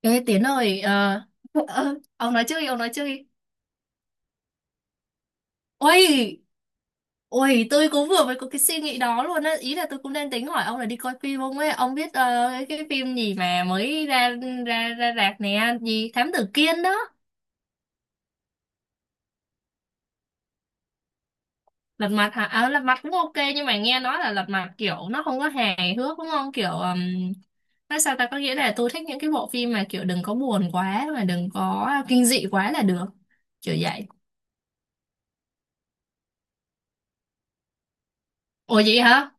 Ê Tiến ơi, ông nói trước đi, ông nói trước đi. Ôi, ôi, tôi cũng vừa mới có cái suy nghĩ đó luôn á. Ý là tôi cũng đang tính hỏi ông là đi coi phim không ấy. Ông biết cái phim gì mà mới ra ra ra rạp nè, gì Thám Tử Kiên đó. Lật mặt hả? À, lật mặt cũng ok nhưng mà nghe nói là lật mặt kiểu nó không có hài hước đúng không? Kiểu nói sao ta, có nghĩa là tôi thích những cái bộ phim mà kiểu đừng có buồn quá mà đừng có kinh dị quá là được. Kiểu vậy. Ủa vậy hả?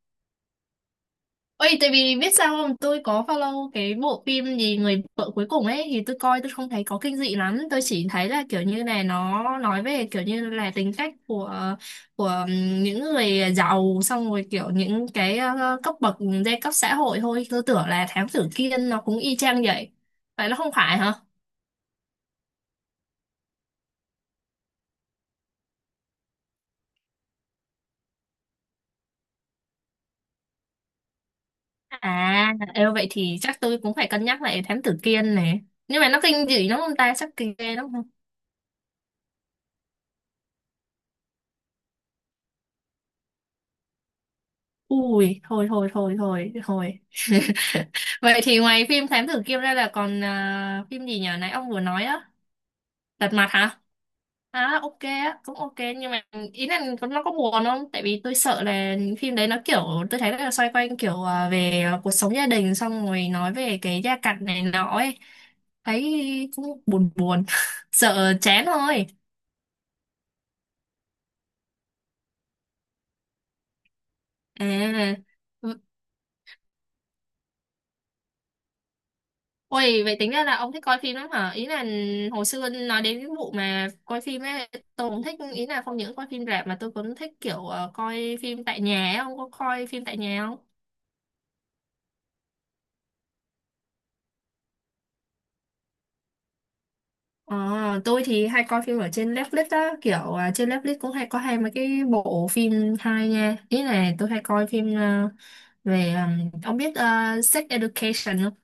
Ôi, tại vì biết sao không, tôi có follow cái bộ phim gì Người vợ cuối cùng ấy thì tôi coi tôi không thấy có kinh dị lắm, tôi chỉ thấy là kiểu như này, nó nói về kiểu như là tính cách của của những người giàu, xong rồi kiểu những cái cấp bậc giai cấp xã hội thôi, tôi tưởng là Thám Tử Kiên nó cũng y chang vậy. Vậy nó không phải hả? À, ê, vậy thì chắc tôi cũng phải cân nhắc lại Thám Tử Kiên này. Nhưng mà nó kinh dị lắm không ta, chắc kinh ghê lắm. Ui, thôi thôi thôi thôi thôi. Vậy thì ngoài phim Thám tử Kiêm ra là còn à, phim gì nhỉ? Nãy ông vừa nói á, Lật mặt hả? À ok á, cũng ok nhưng mà ý là nó có buồn không? Tại vì tôi sợ là những phim đấy nó kiểu tôi thấy là xoay quanh kiểu à, về à, cuộc sống gia đình xong rồi nói về cái gia cảnh này nọ ấy. Thấy cũng buồn buồn. Sợ chán thôi. À. Ôi, vậy tính ra là ông thích coi phim lắm hả? Ý là hồi xưa nói đến cái vụ mà coi phim ấy, tôi cũng thích, ý là không những coi phim rạp mà tôi cũng thích kiểu coi phim tại nhà ấy, ông có coi phim tại nhà không? Ờ, tôi thì hay coi phim ở trên Netflix á, kiểu trên Netflix cũng hay có hai mấy cái bộ phim hay nha. Ý là tôi hay coi phim về, ông biết Sex Education không?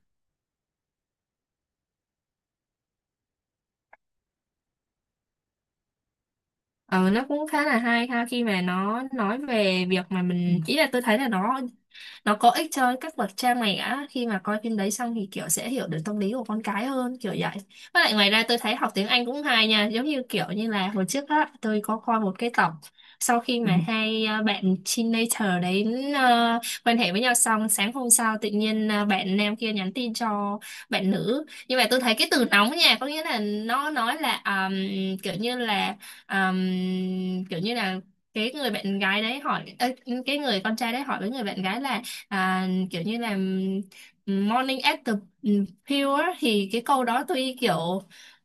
Ờ, nó cũng khá là hay ha khi mà nó nói về việc mà mình, ý là tôi thấy là nó có ích cho các bậc cha mẹ á, khi mà coi phim đấy xong thì kiểu sẽ hiểu được tâm lý của con cái hơn, kiểu vậy. Với lại ngoài ra tôi thấy học tiếng Anh cũng hay nha, giống như kiểu như là hồi trước á, tôi có coi một cái tập sau khi Ừ. mà Ừ. hai à, bạn teenager đấy à, quan hệ với nhau, xong sáng hôm sau tự nhiên à, bạn nam kia nhắn tin cho bạn nữ, nhưng mà tôi thấy cái từ nóng nha, có nghĩa là nó nói là kiểu như là um, kiểu như là cái người bạn gái đấy hỏi ê, cái người con trai đấy hỏi với người bạn gái là à, kiểu như là morning after pill á, thì cái câu đó tôi kiểu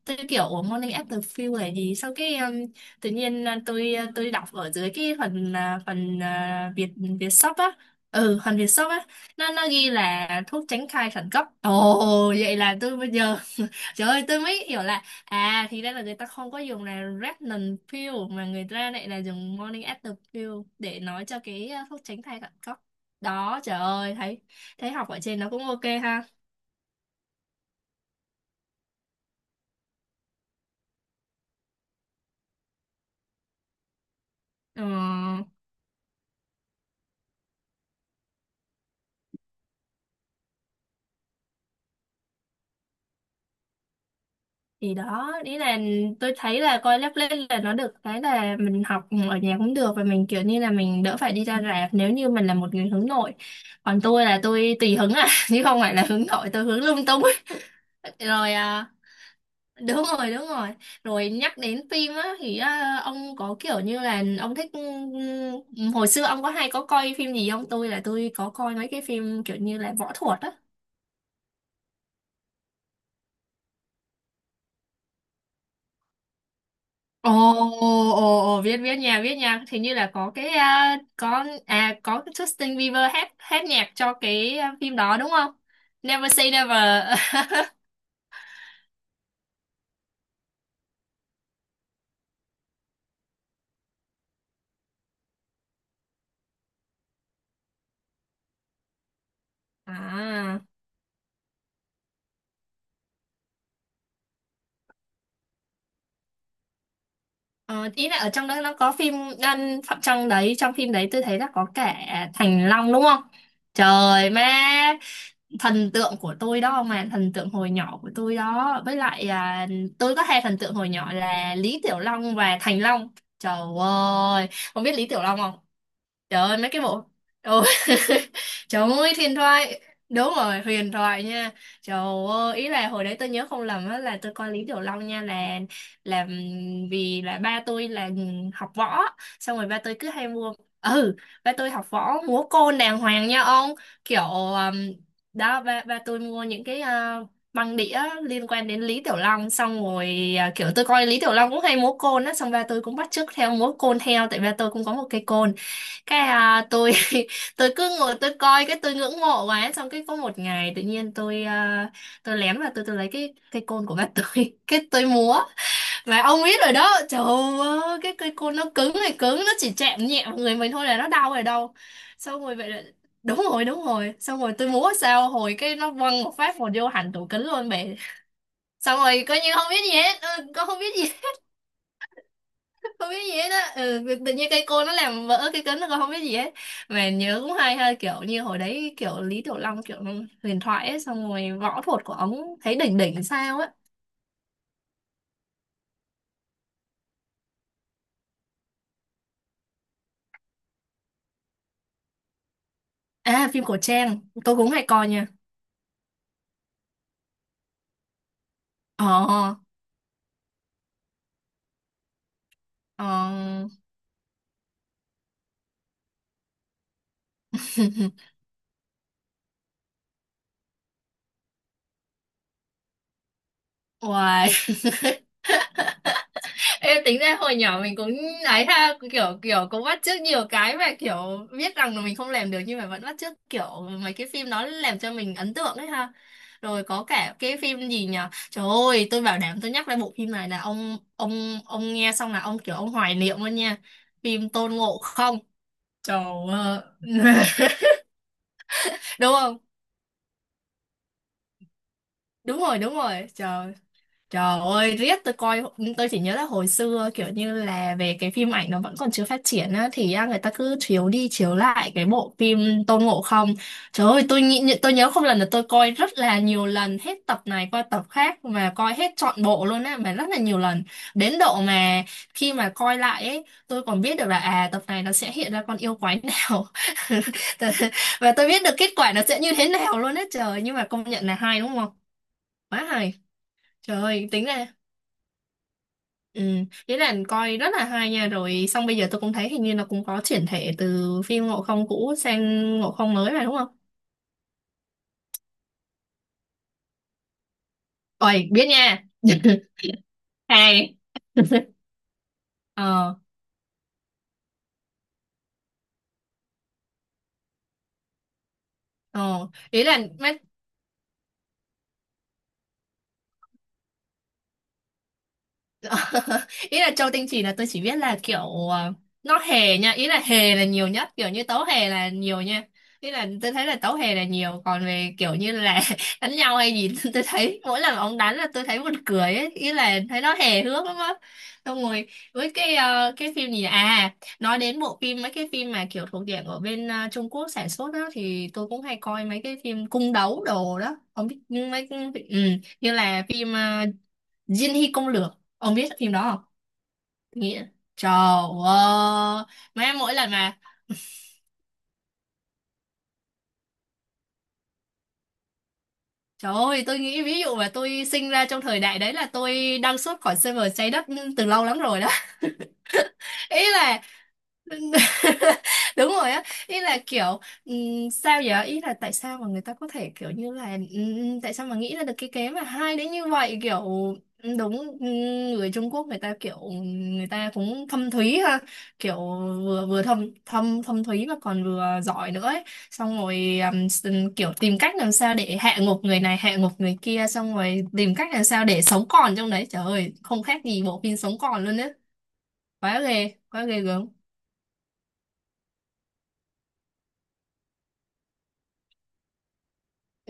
"Ủa, morning after pill là gì?" Sau cái tự nhiên à, tôi đọc ở dưới cái phần à, phần à, Việt Việt shop á, ừ phần Việt shop á, nó ghi là thuốc tránh thai khẩn cấp. Ồ, vậy là tôi bây giờ trời ơi, tôi mới hiểu là à thì ra là người ta không có dùng là Retinol pill mà người ta lại là dùng morning after pill để nói cho cái thuốc tránh thai cận cấp. Đó, trời ơi, thấy thấy học ở trên nó cũng ok ha. Ờ, thì đó, ý là tôi thấy là coi lớp lên là nó được cái là mình học ở nhà cũng được và mình kiểu như là mình đỡ phải đi ra rạp nếu như mình là một người hướng nội. Còn tôi là tôi tùy hứng à, chứ không phải là hướng nội, tôi hướng lung tung. Rồi à, đúng rồi đúng rồi, rồi nhắc đến phim á thì á, ông có kiểu như là ông thích hồi xưa ông có hay có coi phim gì không, tôi là tôi có coi mấy cái phim kiểu như là võ thuật á. Ồ ồ Ồ biết biết nha, biết nha, thì như là có cái à có cái Justin Bieber hát hát nhạc cho cái à, phim đó đúng không? Never Say Never. À ờ, ý là ở trong đó nó có phim đan phạm trong đấy, trong phim đấy tôi thấy là có cả Thành Long đúng không? Trời má, thần tượng của tôi đó, mà thần tượng hồi nhỏ của tôi đó, với lại à, tôi có hai thần tượng hồi nhỏ là Lý Tiểu Long và Thành Long. Trời ơi, không biết Lý Tiểu Long không, trời ơi mấy cái bộ ừ. Trời ơi huyền thoại, đúng rồi huyền thoại nha. Trời ơi, ý là hồi đấy tôi nhớ không lầm á là tôi coi Lý Tiểu Long nha, là là vì là ba tôi là học võ, xong rồi ba tôi cứ hay mua, ừ, ba tôi học võ múa côn đàng hoàng nha ông, kiểu đó, ba ba tôi mua những cái băng đĩa liên quan đến Lý Tiểu Long, xong rồi à, kiểu tôi coi Lý Tiểu Long cũng hay múa côn á, xong ba tôi cũng bắt chước theo múa côn theo tại ba tôi cũng có một cây côn. Cái à, tôi tôi cứ ngồi tôi coi cái tôi ngưỡng mộ quá, xong cái có một ngày tự nhiên tôi lén và tôi lấy cái cây côn của ba tôi cái tôi múa. Và ông biết rồi đó, trời ơi, cái cây côn nó cứng này cứng, nó chỉ chạm nhẹ vào người mình thôi là nó đau rồi đâu. Xong rồi vậy là, đúng rồi, đúng rồi. Xong rồi tôi múa sao, hồi cái nó văng một phát một vô hẳn tủ kính luôn mẹ. Xong rồi coi như không biết gì hết, ừ, con không biết gì hết, không biết gì hết á. Ừ, tự nhiên cây côn nó làm vỡ cái kính, con không biết gì hết. Mà nhớ cũng hay ha, kiểu như hồi đấy kiểu Lý Tiểu Long kiểu huyền thoại ấy, xong rồi võ thuật của ông thấy đỉnh đỉnh sao á. À, phim cổ trang, tôi cũng hay coi nha. Ờ, ờ. Uầy, em tính ra hồi nhỏ mình cũng ấy ha, kiểu kiểu cũng bắt chước nhiều cái mà kiểu biết rằng là mình không làm được nhưng mà vẫn bắt chước, kiểu mấy cái phim nó làm cho mình ấn tượng đấy ha. Rồi có cả cái phim gì nhỉ? Trời ơi, tôi bảo đảm tôi nhắc lại bộ phim này là ông nghe xong là ông kiểu ông hoài niệm luôn nha. Phim Tôn Ngộ Không. Trời ơi. Đúng không? Đúng rồi, đúng rồi. Trời. Trời ơi, riết tôi coi, tôi chỉ nhớ là hồi xưa kiểu như là về cái phim ảnh nó vẫn còn chưa phát triển á, thì á, người ta cứ chiếu đi chiếu lại cái bộ phim Tôn Ngộ Không. Trời ơi, tôi nghĩ, tôi nhớ không lần là tôi coi rất là nhiều lần, hết tập này qua tập khác mà coi hết trọn bộ luôn á, mà rất là nhiều lần. Đến độ mà khi mà coi lại ấy, tôi còn biết được là à tập này nó sẽ hiện ra con yêu quái nào. Và tôi biết được kết quả nó sẽ như thế nào luôn á trời, nhưng mà công nhận là hay đúng không? Quá hay. Trời ơi, tính ra ừ, ý là coi rất là hay nha, rồi xong bây giờ tôi cũng thấy hình như nó cũng có chuyển thể từ phim Ngộ Không cũ sang Ngộ Không mới mà đúng không? Ôi biết nha hay ờ ờ ý là ý là châu tinh trì là tôi chỉ biết là kiểu ờ, nó hề nha, ý là hề là nhiều nhất, kiểu như tấu hề là nhiều nha, ý là tôi thấy là tấu hề là nhiều, còn về kiểu như là đánh nhau hay gì tôi thấy mỗi lần ông đánh là tôi thấy buồn cười ấy. Ý là thấy nó hề hước lắm á. Xong rồi với cái cái phim gì nhỉ? À, nói đến bộ phim, mấy cái phim mà kiểu thuộc diện ở bên Trung Quốc sản xuất đó thì tôi cũng hay coi mấy cái phim cung đấu đồ đó, không biết mấy ừ, như là phim Diên Hy Công Lược. Ông biết phim đó không? Nghĩa, trời ơi, má, mỗi lần mà trời ơi tôi nghĩ ví dụ mà tôi sinh ra trong thời đại đấy là tôi đăng xuất khỏi server trái đất từ lâu lắm rồi đó. Ý là đúng rồi á, ý là kiểu sao vậy, ý là tại sao mà người ta có thể kiểu như là, tại sao mà nghĩ ra được cái kế mà hay đến như vậy, kiểu đúng, người Trung Quốc người ta kiểu người ta cũng thâm thúy ha, kiểu vừa vừa thâm thâm thâm thúy mà còn vừa giỏi nữa ấy. Xong rồi kiểu tìm cách làm sao để hạ gục người này, hạ gục người kia, xong rồi tìm cách làm sao để sống còn trong đấy. Trời ơi, không khác gì bộ phim sống còn luôn á, quá ghê, quá ghê gớm.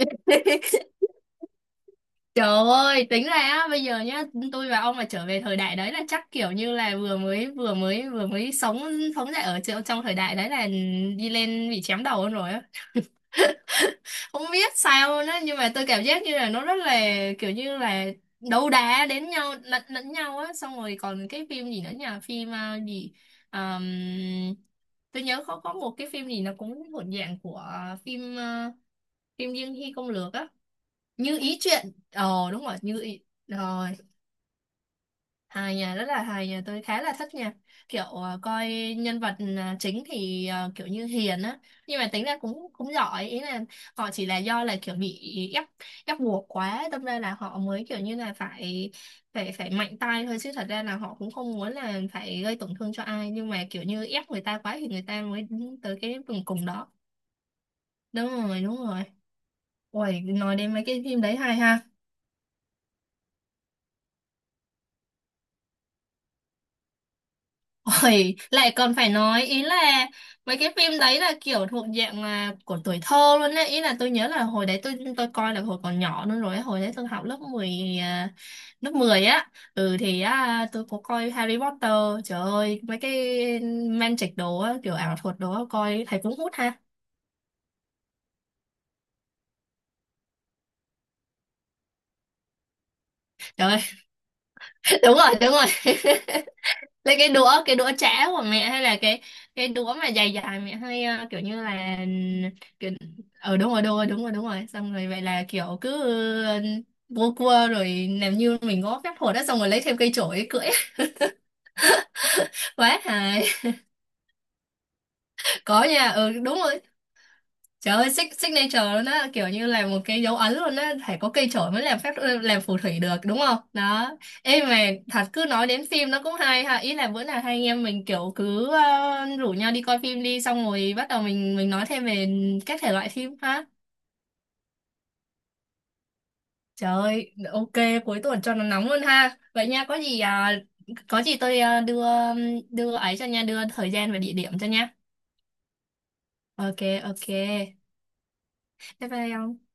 Trời ơi, tính ra á, bây giờ nhá, tôi và ông mà trở về thời đại đấy là chắc kiểu như là vừa mới sống, sống dậy ở trong thời đại đấy là đi lên bị chém đầu luôn rồi á. Không biết sao luôn á, nhưng mà tôi cảm giác như là nó rất là kiểu như là đấu đá đến nhau, lẫn lẫn nhau á. Xong rồi còn cái phim gì nữa nhỉ? Phim à, gì Ờm, tôi nhớ có một cái phim gì nó cũng thuộc dạng của phim à, phim Dương Hy Công Lược á, Như Ý Chuyện. Ờ đúng rồi, Như Ý. Ờ, hài nha, rất là hài nha, tôi khá là thích nha, kiểu coi nhân vật chính thì kiểu như hiền á, nhưng mà tính ra cũng cũng giỏi, ý là họ chỉ là do là kiểu bị ép, ép buộc quá đâm ra là họ mới kiểu như là phải, phải mạnh tay thôi, chứ thật ra là họ cũng không muốn là phải gây tổn thương cho ai, nhưng mà kiểu như ép người ta quá thì người ta mới tới cái cùng cùng đó. Đúng rồi, đúng rồi. Ôi nói đến mấy cái phim đấy hay ha. Ôi, lại còn phải nói, ý là mấy cái phim đấy là kiểu thuộc dạng là của tuổi thơ luôn đấy, ý là tôi nhớ là hồi đấy tôi coi là hồi còn nhỏ luôn rồi ấy. Hồi đấy tôi học lớp 10 à, lớp 10 á, ừ thì á, tôi có coi Harry Potter, trời ơi mấy cái magic đồ á, kiểu ảo thuật đồ á coi thấy cũng hút ha. Trời ơi, đúng rồi đúng rồi, lấy cái đũa, cái đũa chả của mẹ, hay là cái đũa mà dài dài mẹ hay kiểu như là, kiểu đúng rồi đúng rồi đúng rồi đúng rồi, xong rồi vậy là kiểu cứ ờ, vô cua rồi làm như mình có phép thuật đó, xong rồi lấy thêm cây chổi cưỡi. Quá hài. Có nha, ừ đúng rồi. Trời ơi, signature luôn á, kiểu như là một cái dấu ấn luôn á, phải có cây chổi mới làm phép, làm phù thủy được đúng không? Đó. Ê mà thật, cứ nói đến phim nó cũng hay ha, ý là bữa nào hai anh em mình kiểu cứ rủ nhau đi coi phim đi, xong rồi bắt đầu mình nói thêm về các thể loại phim ha. Trời ơi, ok, cuối tuần cho nó nóng luôn ha. Vậy nha, có gì à, có gì tôi à, đưa, đưa ấy cho nha, đưa thời gian và địa điểm cho nha. Ok, ok. Bye bye ông.